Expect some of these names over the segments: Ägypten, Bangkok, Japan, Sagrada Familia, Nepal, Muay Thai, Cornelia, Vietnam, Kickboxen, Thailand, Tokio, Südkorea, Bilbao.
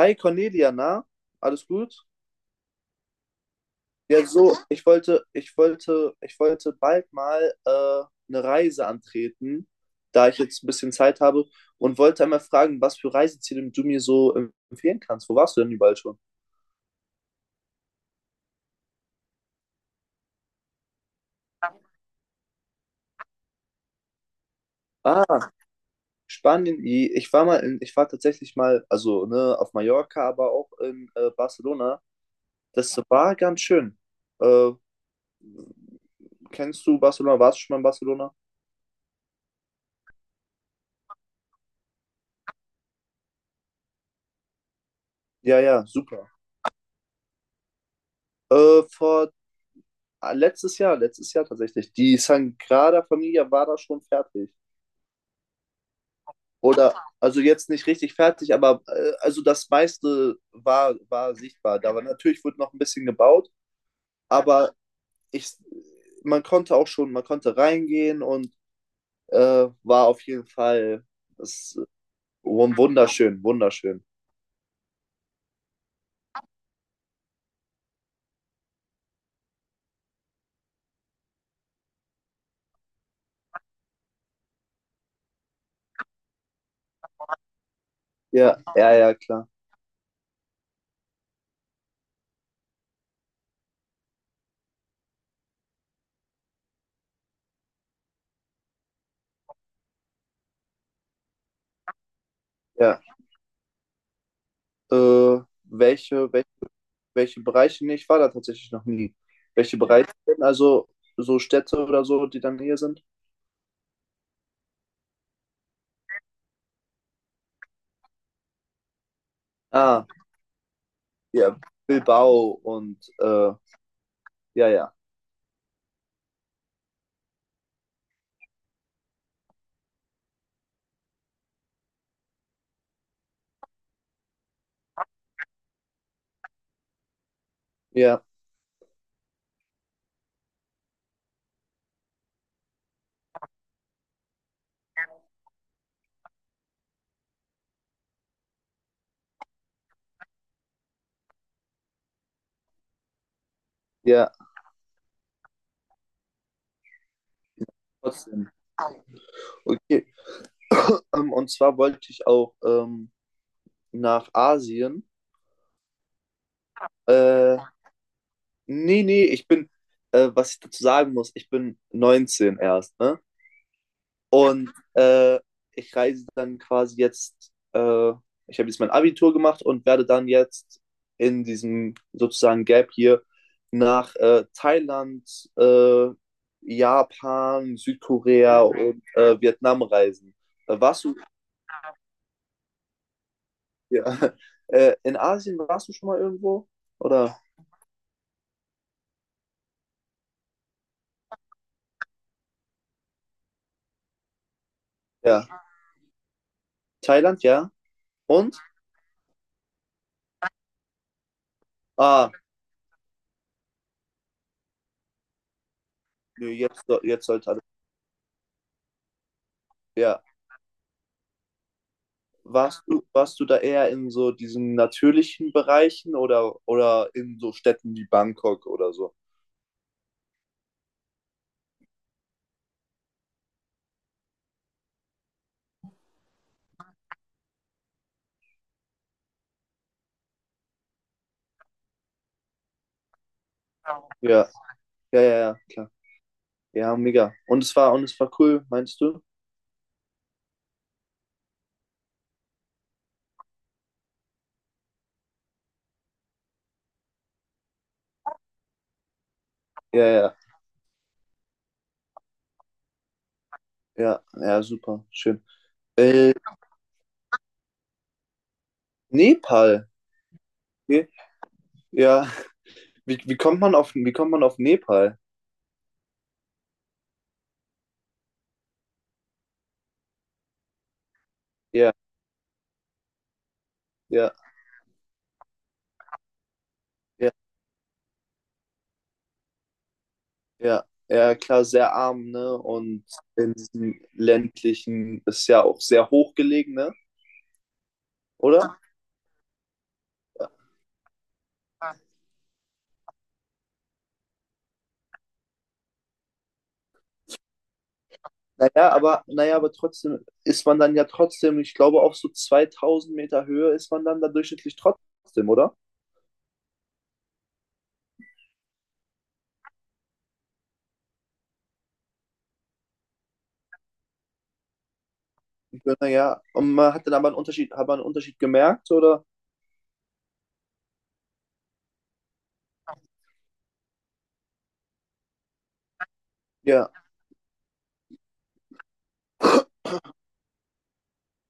Hi Cornelia, na? Alles gut? Ich wollte bald mal eine Reise antreten, da ich jetzt ein bisschen Zeit habe, und wollte einmal fragen, was für Reiseziele du mir so empfehlen kannst. Wo warst du denn überall schon? Ah, Spanien. Ich war mal ich war tatsächlich mal, also ne, auf Mallorca, aber auch in Barcelona. Das war ganz schön. Äh, kennst du Barcelona? Warst du schon mal in Barcelona? Ja, ja, super. Vor Ah, letztes Jahr tatsächlich. Die Sagrada Familia war da schon fertig. Oder, also jetzt nicht richtig fertig, aber also das meiste war sichtbar. Da war natürlich, wurde noch ein bisschen gebaut, aber ich, man konnte auch man konnte reingehen und war auf jeden Fall das, äh, wunderschön, wunderschön. Ja, ja, ja, klar. Ja. Äh, welche, welche welche Bereiche, nee, ich war da tatsächlich noch nie. Welche Bereiche denn, also so Städte oder so, die dann hier sind? Ah, ja, Bilbao und ja, ja, ja, ja, trotzdem. Okay, und zwar wollte ich auch nach Asien. Äh, Nee, was ich dazu sagen muss, ich bin 19 erst, ne? Und ich reise dann quasi jetzt, ich habe jetzt mein Abitur gemacht und werde dann jetzt in diesem sozusagen Gap hier nach Thailand, äh, Japan, Südkorea und Vietnam reisen. Warst du ja, in Asien, warst du schon mal irgendwo? Oder? Ja. Thailand, ja. Und? Ah, nö, jetzt sollte alles. Ja. Warst du da eher in so diesen natürlichen Bereichen oder in so Städten wie Bangkok oder so? Ja, ja, ja, ja, klar. Ja, mega. Und es war cool, meinst du? Ja, ja, ja, ja, super, schön. Äh, Nepal. Okay. Ja, wie kommt man auf Nepal? Ja, ja, ja, ja. Ja, klar, sehr arm, ne? Und in diesem ländlichen, ist ja auch sehr hochgelegen, ne? Oder? Naja, aber trotzdem ist man dann ja trotzdem, ich glaube, auf so 2000 Meter Höhe ist man dann da durchschnittlich trotzdem, oder? Und man hat dann aber einen Unterschied, hat man einen Unterschied gemerkt, oder? Ja,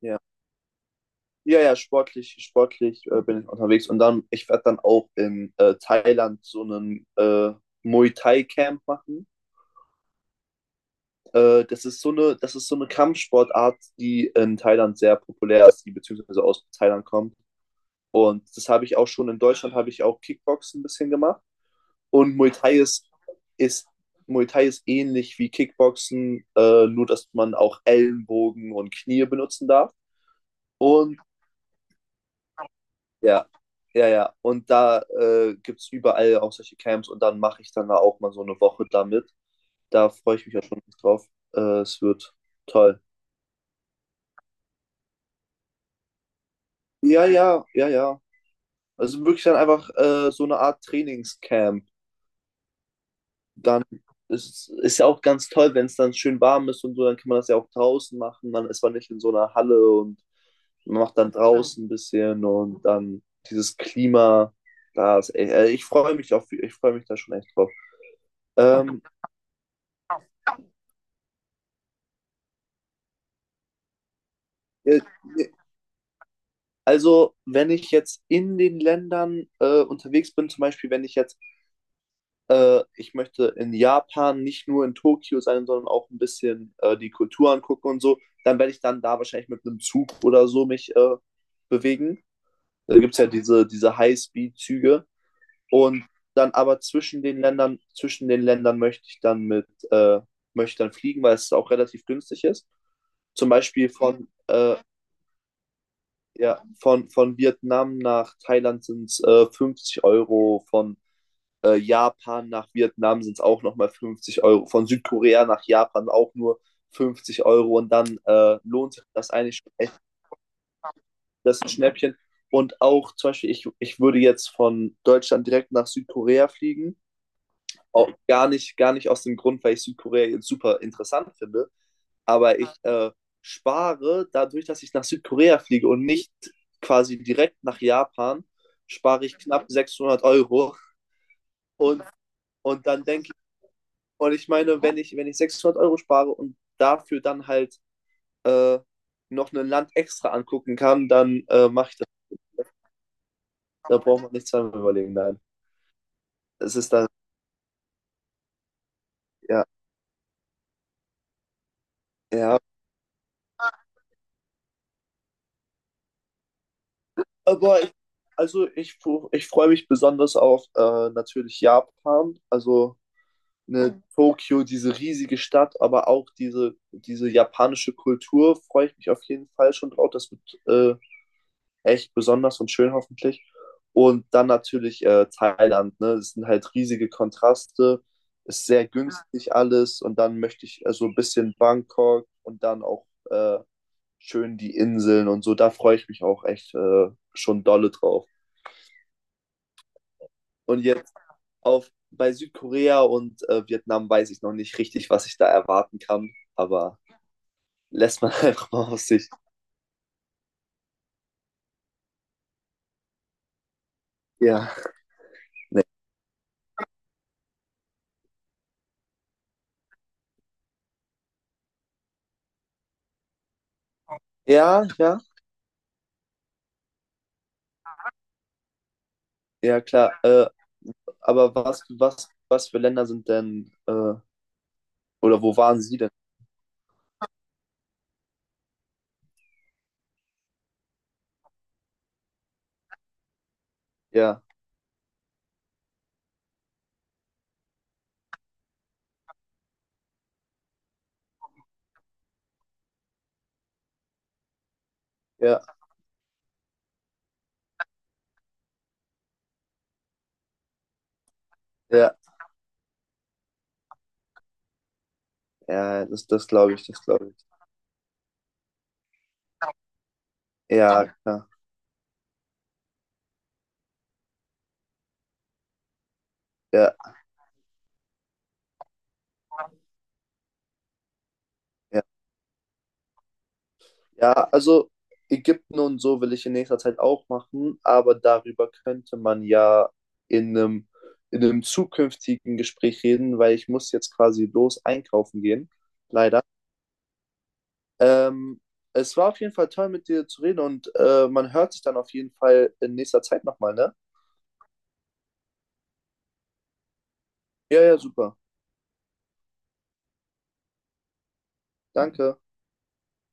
ja. Ja, ja, sportlich bin ich unterwegs und ich werde dann auch in Thailand so einen Muay Thai Camp machen. Das ist so eine Kampfsportart, die in Thailand sehr populär ist, die beziehungsweise aus Thailand kommt. Und das habe ich auch schon in Deutschland, habe ich auch Kickboxen ein bisschen gemacht. Und ist, Muay Thai ist ähnlich wie Kickboxen, nur dass man auch Ellenbogen und Knie benutzen darf. Und ja, ja, ja. Und da gibt es überall auch solche Camps und dann mache ich dann da auch mal so eine Woche damit. Da freue ich mich ja schon drauf. Es wird toll. Ja, ja, ja, ja. Also wirklich dann einfach so eine Art Trainingscamp. Dann ist es ja auch ganz toll, wenn es dann schön warm ist und so, dann kann man das ja auch draußen machen. Dann ist man nicht in so einer Halle und man macht dann draußen ein bisschen und dann dieses Klima. Ich freue mich ich freue mich da schon echt drauf. Ähm, äh, also, wenn ich jetzt in den Ländern unterwegs bin, zum Beispiel, wenn ich jetzt ich möchte in Japan nicht nur in Tokio sein, sondern auch ein bisschen die Kultur angucken und so. Dann werde ich dann da wahrscheinlich mit einem Zug oder so mich bewegen. Da gibt es ja diese High-Speed-Züge. Und dann aber zwischen den Ländern möchte ich dann äh, möchte ich dann fliegen, weil es auch relativ günstig ist. Zum Beispiel von, ja, von Vietnam nach Thailand sind es 50 Euro, von Japan nach Vietnam sind es auch nochmal 50 Euro. Von Südkorea nach Japan auch nur 50 Euro. Und dann lohnt sich das eigentlich echt, das Schnäppchen. Und auch zum Beispiel, ich würde jetzt von Deutschland direkt nach Südkorea fliegen. Auch gar nicht aus dem Grund, weil ich Südkorea jetzt super interessant finde. Aber ich spare dadurch, dass ich nach Südkorea fliege und nicht quasi direkt nach Japan, spare ich knapp 600 Euro. Und, und dann denke ich meine, wenn ich 600 € spare und dafür dann halt äh, noch ein Land extra angucken kann, dann mache ich das. Da braucht man nicht zweimal überlegen, nein. Es ist dann, ja, ja. Aber ich, also ich, fu- ich freue mich besonders auf natürlich Japan, also ne, Tokio, diese riesige Stadt, aber auch diese japanische Kultur freue ich mich auf jeden Fall schon drauf. Das wird äh, echt besonders und schön hoffentlich. Und dann natürlich Thailand, ne? Es sind halt riesige Kontraste, ist sehr günstig alles und dann möchte ich so ein bisschen Bangkok und dann auch schön die Inseln und so. Da freue ich mich auch echt schon dolle drauf. Und jetzt auf bei Südkorea und Vietnam weiß ich noch nicht richtig, was ich da erwarten kann, aber lässt man einfach mal auf sich. Ja, ja, ja, ja, klar. Aber was für Länder sind denn, oder wo waren Sie denn? Ja, ja, ja, ja, das glaube ich, das glaube ich. Ja, klar. Ja, ja. Ja, also Ägypten und so will ich in nächster Zeit auch machen, aber darüber könnte man ja in einem, in einem zukünftigen Gespräch reden, weil ich muss jetzt quasi los einkaufen gehen, leider. Ähm, es war auf jeden Fall toll, mit dir zu reden und man hört sich dann auf jeden Fall in nächster Zeit nochmal, ne? Ja, ja, super. Danke.